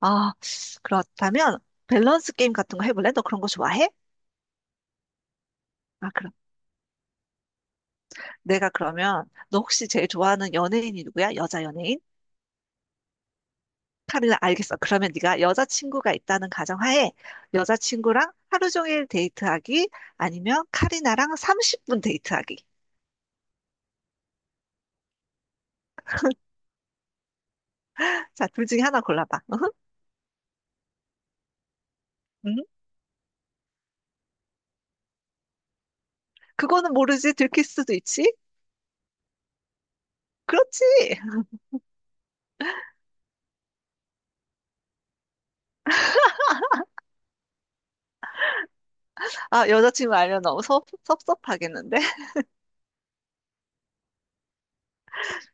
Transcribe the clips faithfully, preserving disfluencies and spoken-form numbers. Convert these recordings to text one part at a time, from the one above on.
아, 그렇다면 밸런스 게임 같은 거 해볼래? 너 그런 거 좋아해? 아, 그럼 내가 그러면 너 혹시 제일 좋아하는 연예인이 누구야? 여자 연예인? 카리나 알겠어. 그러면 네가 여자친구가 있다는 가정하에 여자친구랑 하루 종일 데이트하기 아니면 카리나랑 삼십 분 데이트하기. 자, 둘 중에 하나 골라봐. 으흠, 음? 그거는 모르지. 들킬 수도 있지. 그렇지. 아, 여자친구 알면 너무 섭, 섭섭하겠는데?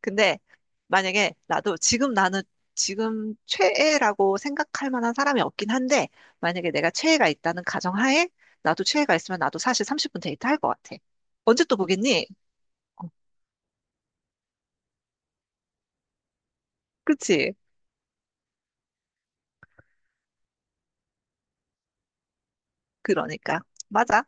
근데 만약에 나도 지금 나는 지금 최애라고 생각할 만한 사람이 없긴 한데, 만약에 내가 최애가 있다는 가정하에 나도 최애가 있으면 나도 사실 삼십 분 데이트 할 것 같아. 언제 또 보겠니? 어, 그치? 그러니까. 맞아.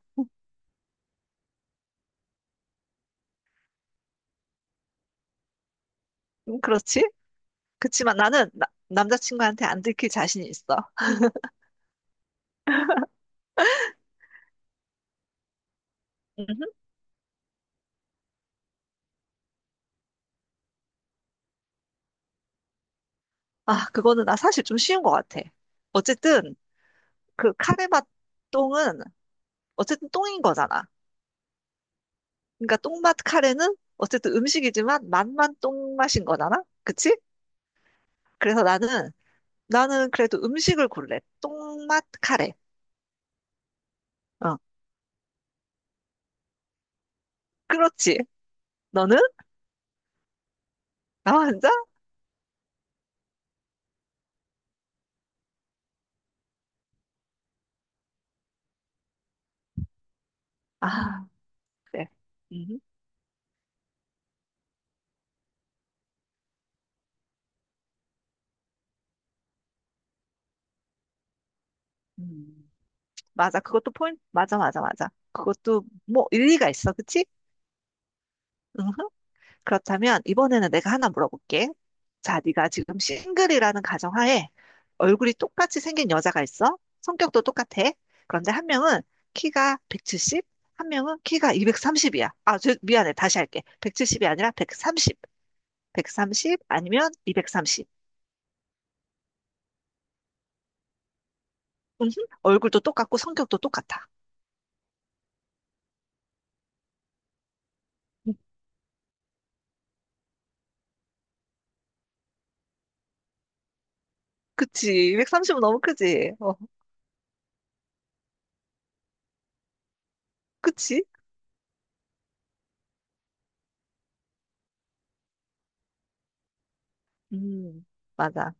음, 그렇지? 그치만 나는 나- 남자친구한테 안 들킬 자신이 있어. 음흠. 아, 그거는 나 사실 좀 쉬운 것 같아. 어쨌든 그 카레맛 똥은 어쨌든 똥인 거잖아. 그러니까 똥맛 카레는 어쨌든 음식이지만 맛만 똥맛인 거잖아? 그치? 그래서 나는, 나는 그래도 음식을 골래. 똥맛 카레. 어, 그렇지. 너는? 나 혼자? 아, 그래. 음, 음. 맞아. 그것도 포인트. 맞아, 맞아, 맞아. 그것도 뭐 일리가 있어. 그치? 음 그렇다면 이번에는 내가 하나 물어볼게. 자, 네가 지금 싱글이라는 가정하에 얼굴이 똑같이 생긴 여자가 있어. 성격도 똑같아. 그런데 한 명은 키가 백칠십, 한 명은 키가 이백삼십이야. 아, 저, 미안해. 다시 할게. 백칠십이 아니라 백삼십. 백삼십 아니면 이백삼십. 음, 얼굴도 똑같고 성격도 똑같아. 음, 그치. 이백삼십은 너무 크지. 어, 그치? 음, 맞아.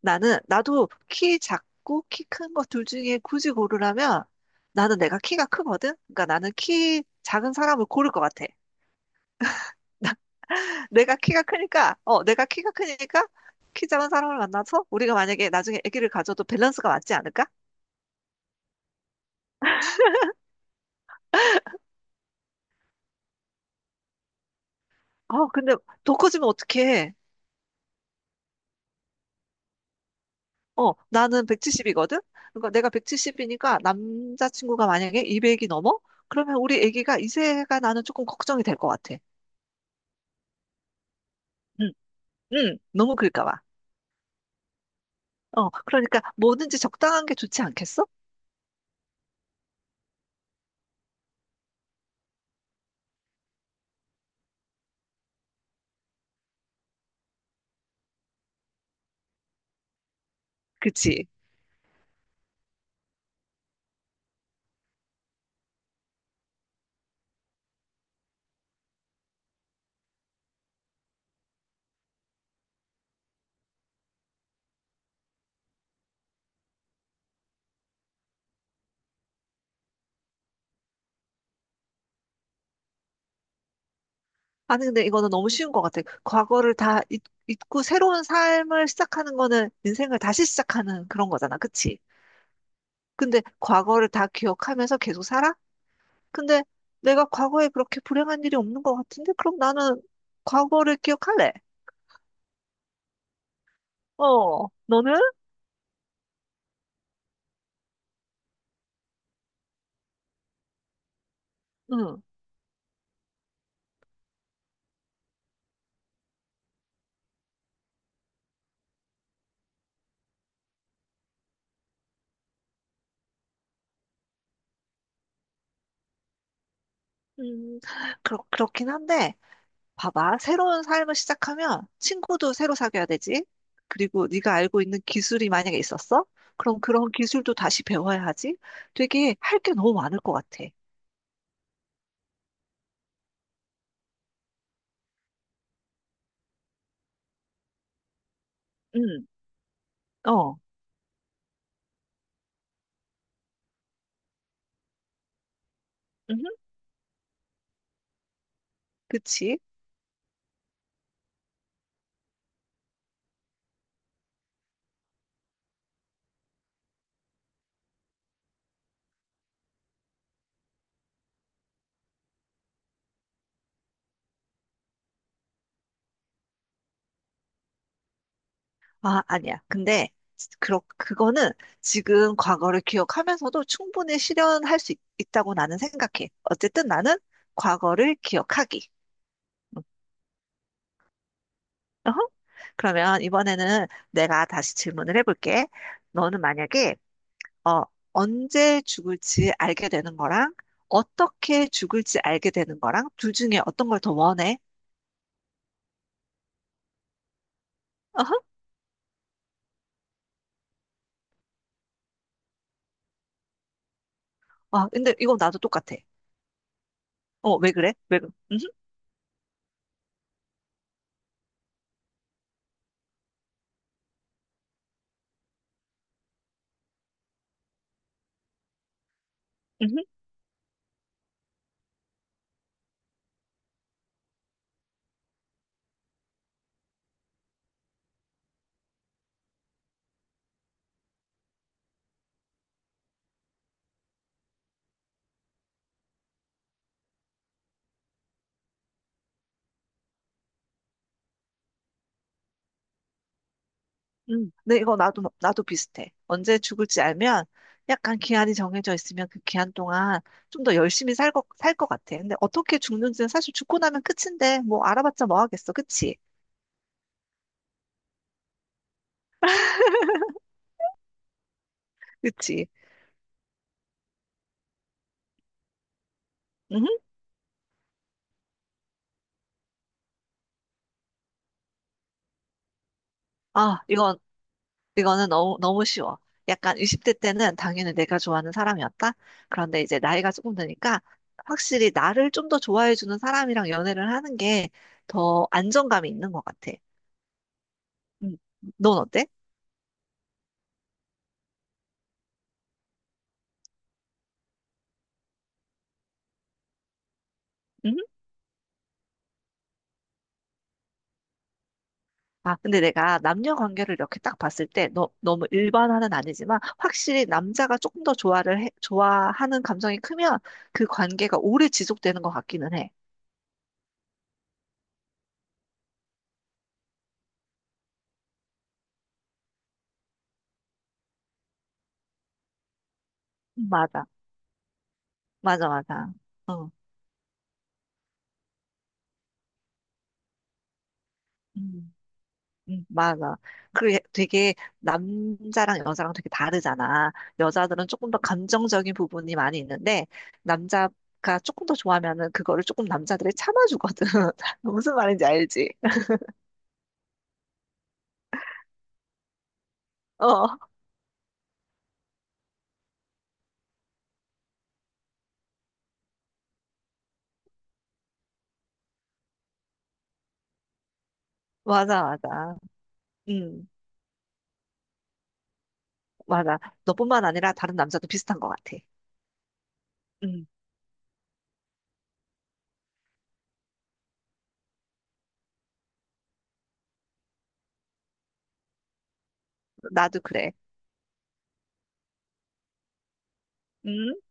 나는, 나도 키 작고 키 큰 것 둘 중에 굳이 고르라면 나는 내가 키가 크거든? 그러니까 나는 키 작은 사람을 고를 것 같아. 내가 키가 크니까, 어, 내가 키가 크니까 키 작은 사람을 만나서 우리가 만약에 나중에 아기를 가져도 밸런스가 맞지 않을까? 어, 근데 더 커지면 어떡해. 어, 나는 백칠십이거든? 그러니까 내가 백칠십이니까 남자친구가 만약에 이백이 넘어? 그러면 우리 아기가 이세가 나는 조금 걱정이 될 것 같아. 응, 응, 너무 클까 봐. 어, 그러니까 뭐든지 적당한 게 좋지 않겠어? 그치? 아니, 근데 이거는 너무 쉬운 것 같아. 과거를 다 잊, 잊고 새로운 삶을 시작하는 거는 인생을 다시 시작하는 그런 거잖아. 그치? 근데 과거를 다 기억하면서 계속 살아? 근데 내가 과거에 그렇게 불행한 일이 없는 것 같은데? 그럼 나는 과거를 기억할래. 어, 너는? 응. 음, 그렇, 그렇긴 한데. 봐봐. 새로운 삶을 시작하면 친구도 새로 사귀어야 되지. 그리고 네가 알고 있는 기술이 만약에 있었어? 그럼 그런 기술도 다시 배워야 하지. 되게 할 게 너무 많을 것 같아. 응, 어, 음, 그치? 아, 아니야. 근데 그러, 그거는 지금 과거를 기억하면서도 충분히 실현할 수 있, 있다고 나는 생각해. 어쨌든 나는 과거를 기억하기. 음, 어허. 그러면 이번에는 내가 다시 질문을 해볼게. 너는 만약에 어, 언제 죽을지 알게 되는 거랑 어떻게 죽을지 알게 되는 거랑 둘 중에 어떤 걸 더 원해? 어허? 아, 근데 이거 나도 똑같아. 어, 왜 그래? 왜 그래? 음, 음, 음. 근데 이거 나도 나도 비슷해. 언제 죽을지 알면 약간 기한이 정해져 있으면 그 기한 동안 좀 더 열심히 살 것, 살 것 같아. 근데 어떻게 죽는지는 사실 죽고 나면 끝인데 뭐 알아봤자 뭐 하겠어. 그치? 그치? 음? 아, 이건 이거는 너무, 너무 쉬워. 약간 이십 대 때는 당연히 내가 좋아하는 사람이었다. 그런데 이제 나이가 조금 드니까 확실히 나를 좀 더 좋아해주는 사람이랑 연애를 하는 게 더 안정감이 있는 것 같아. 음, 넌 어때? 음? 아, 근데 내가 남녀 관계를 이렇게 딱 봤을 때 너, 너무 일반화는 아니지만 확실히 남자가 조금 더 좋아를 해- 좋아하는 감정이 크면 그 관계가 오래 지속되는 것 같기는 해. 음, 맞아. 맞아, 맞아. 어. 음. 음, 맞아. 그 되게 남자랑 여자랑 되게 다르잖아. 여자들은 조금 더 감정적인 부분이 많이 있는데 남자가 조금 더 좋아하면은 그거를 조금 남자들이 참아주거든. 무슨 말인지 알지? 어, 맞아, 맞아. 음, 맞아. 너뿐만 아니라 다른 남자도 비슷한 것 같아. 음, 나도 그래. 음.